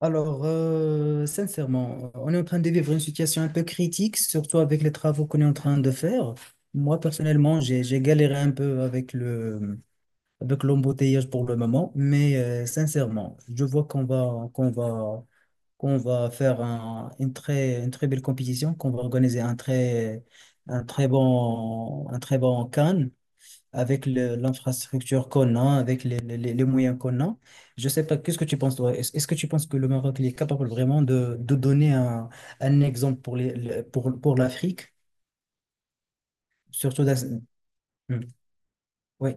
Alors, sincèrement, on est en train de vivre une situation un peu critique, surtout avec les travaux qu'on est en train de faire. Moi, personnellement, j'ai galéré un peu avec l'embouteillage pour le moment, mais sincèrement, je vois qu'on va faire une très belle compétition, qu'on va organiser un très bon Cannes avec l'infrastructure qu'on a, avec les moyens qu'on a. Je sais pas, qu'est-ce que tu penses, toi? Est-ce que tu penses que le Maroc il est capable vraiment de donner un exemple pour les, le- pour l'Afrique, surtout dans. Hmm. Oui.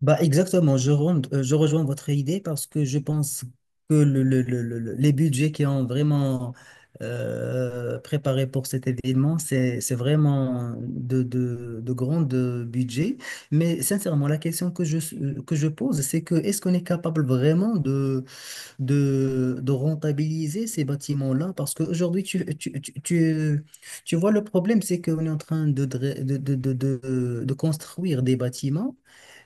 Bah exactement, je rejoins votre idée parce que je pense que les budgets qui ont vraiment préparé pour cet événement, c'est vraiment de grands budgets. Mais sincèrement, la question que je pose, c'est que est-ce qu'on est capable vraiment de rentabiliser ces bâtiments-là? Parce qu'aujourd'hui, tu vois, le problème, c'est qu'on est en train de, dra- de construire des bâtiments.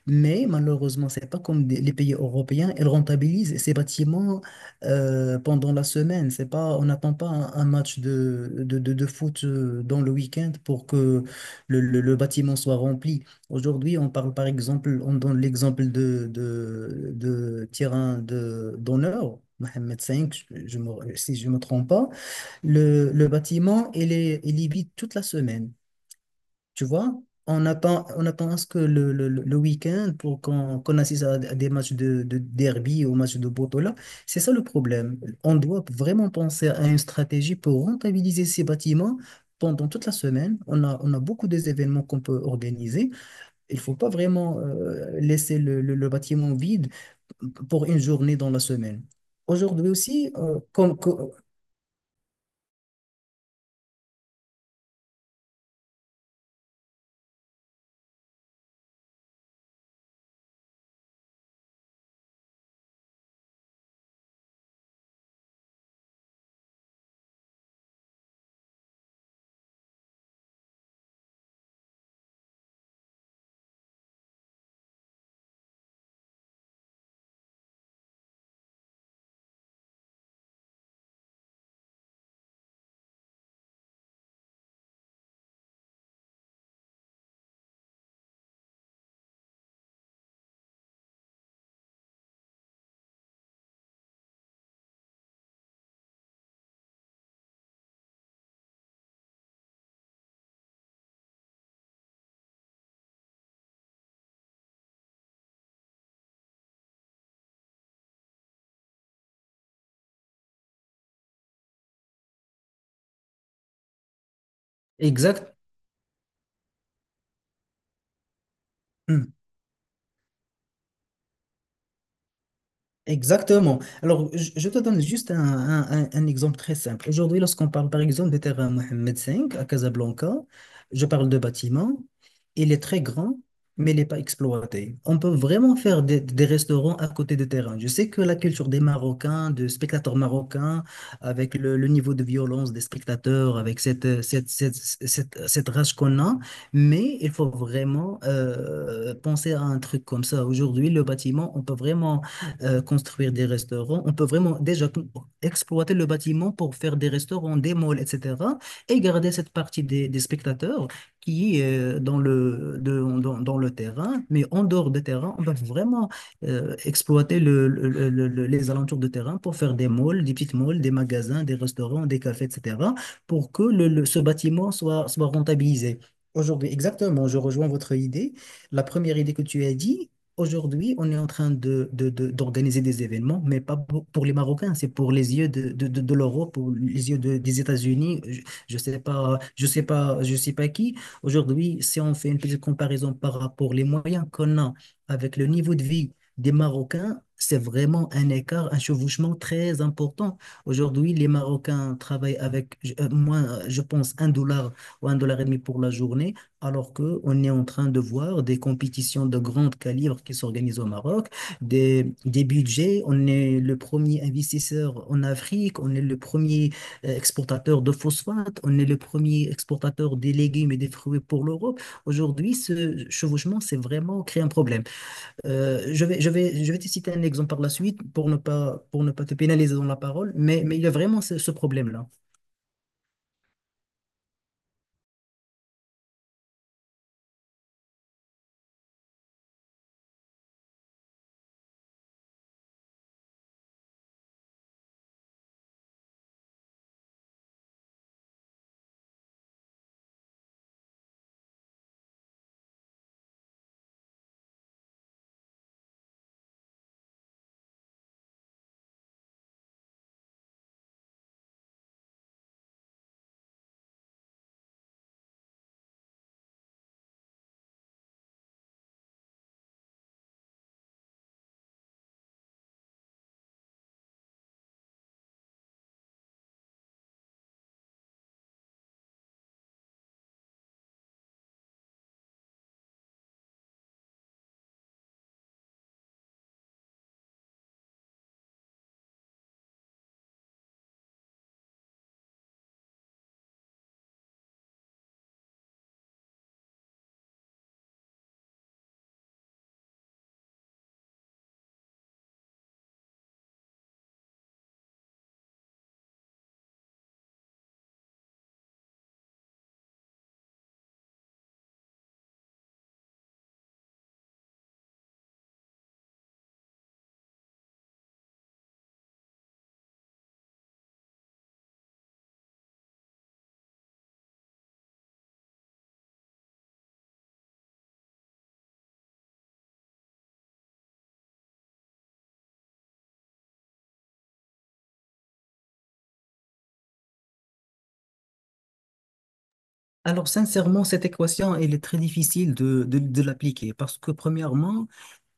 Mais malheureusement, c'est pas comme les pays européens, ils rentabilisent ces bâtiments pendant la semaine. C'est pas, on n'attend pas un match de foot dans le week-end pour que le bâtiment soit rempli. Aujourd'hui, on parle par exemple, on donne l'exemple de terrain d'honneur. Mohamed V, si je ne me trompe pas, le bâtiment, il est vide toute la semaine. Tu vois, on attend à ce que le week-end pour qu'on assiste à des matchs de derby ou matchs de Botola. C'est ça le problème. On doit vraiment penser à une stratégie pour rentabiliser ces bâtiments pendant toute la semaine. On a beaucoup des événements qu'on peut organiser. Il faut pas vraiment laisser le bâtiment vide pour une journée dans la semaine. Aujourd'hui aussi, comme, co-. Exact. Hmm. Exactement. Alors, je te donne juste un exemple très simple. Aujourd'hui, lorsqu'on parle par exemple de terrain Mohamed V à Casablanca, je parle de bâtiment. Il est très grand, mais il n'est pas exploité. On peut vraiment faire des restaurants à côté de terrain. Je sais que la culture des Marocains, de spectateurs marocains, avec le niveau de violence des spectateurs, avec cette rage qu'on a, mais il faut vraiment penser à un truc comme ça. Aujourd'hui, le bâtiment, on peut vraiment construire des restaurants. On peut vraiment déjà exploiter le bâtiment pour faire des restaurants, des malls, etc. Et garder cette partie des spectateurs qui est dans le terrain. Mais en dehors du terrain, on peut vraiment exploiter les alentours de terrain pour faire des malls, des petites malls, des magasins, des restaurants, des cafés, etc. pour que ce bâtiment soit rentabilisé. Aujourd'hui, exactement, je rejoins votre idée. La première idée que tu as dit. Aujourd'hui, on est en train d'organiser des événements, mais pas pour les Marocains, c'est pour les yeux de l'Europe ou les yeux des États-Unis. Je sais pas, je sais pas, je sais pas qui. Aujourd'hui, si on fait une petite comparaison par rapport les moyens qu'on a avec le niveau de vie des Marocains, c'est vraiment un écart, un chevauchement très important. Aujourd'hui, les Marocains travaillent avec moins, je pense, un dollar ou un dollar et demi pour la journée. Alors que on est en train de voir des compétitions de grand calibre qui s'organisent au Maroc, des budgets. On est le premier investisseur en Afrique, on est le premier exportateur de phosphate, on est le premier exportateur des légumes et des fruits pour l'Europe. Aujourd'hui, ce chevauchement, c'est vraiment créé un problème. Je je vais te citer un exemple par la suite pour ne pas te pénaliser dans la parole, mais il y a vraiment ce problème-là. Alors, sincèrement, cette équation, elle est très difficile de l'appliquer parce que, premièrement,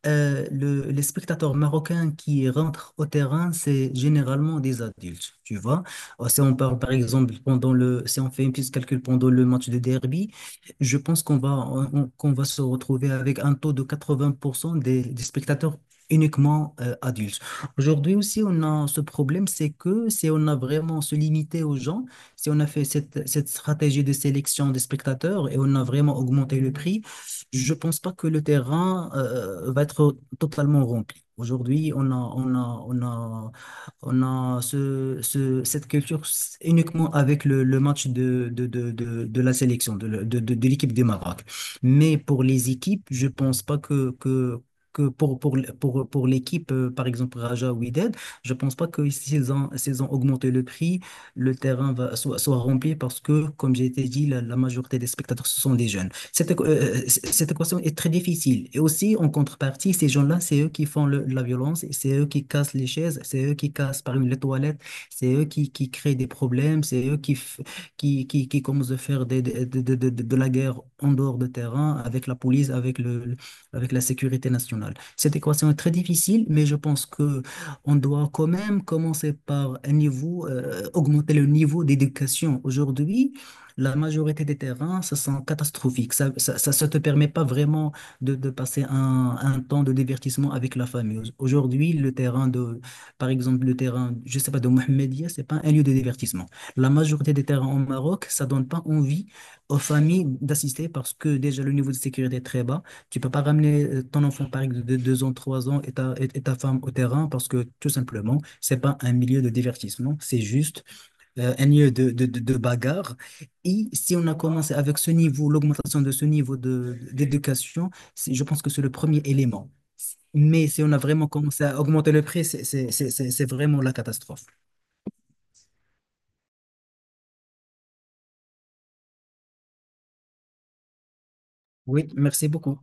les spectateurs marocains qui rentrent au terrain, c'est généralement des adultes, tu vois. Si on parle par exemple si on fait un petit calcul pendant le match de derby, je pense qu'on va se retrouver avec un taux de 80% des spectateurs uniquement adultes. Aujourd'hui aussi, on a ce problème, c'est que si on a vraiment se limité aux gens, si on a fait cette stratégie de sélection des spectateurs et on a vraiment augmenté le prix, je pense pas que le terrain va être totalement rempli. Aujourd'hui, on a cette culture uniquement avec le match de la sélection, de l'équipe du Maroc. Mais pour les équipes, je pense pas que, que pour l'équipe, par exemple Raja ou Wydad, je pense pas que s'ils ont augmenté le prix, le terrain soit rempli parce que, comme j'ai été dit, la majorité des spectateurs, ce sont des jeunes. Cette équation est très difficile. Et aussi, en contrepartie, ces gens-là, c'est eux qui font la violence, c'est eux qui cassent les chaises, c'est eux qui cassent par exemple les toilettes, c'est eux qui créent des problèmes, c'est eux qui, f- qui commencent à faire de la guerre en dehors de terrain avec la police, avec avec la sécurité nationale. Cette équation est très difficile, mais je pense que on doit quand même commencer par un niveau, augmenter le niveau d'éducation. Aujourd'hui, la majorité des terrains, ça sent catastrophique. Ça te permet pas vraiment de passer un temps de divertissement avec la famille. Aujourd'hui, par exemple, le terrain, je sais pas, de Mohamedia, c'est pas un lieu de divertissement. La majorité des terrains au Maroc, ça donne pas envie aux familles d'assister parce que déjà le niveau de sécurité est très bas. Tu peux pas ramener ton enfant, par exemple, de deux ans, trois ans et ta femme au terrain parce que tout simplement, c'est pas un milieu de divertissement. C'est juste un lieu de bagarre. Et si on a commencé avec ce niveau, l'augmentation de ce niveau d'éducation, je pense que c'est le premier élément. Mais si on a vraiment commencé à augmenter le prix, c'est vraiment la catastrophe. Oui, merci beaucoup.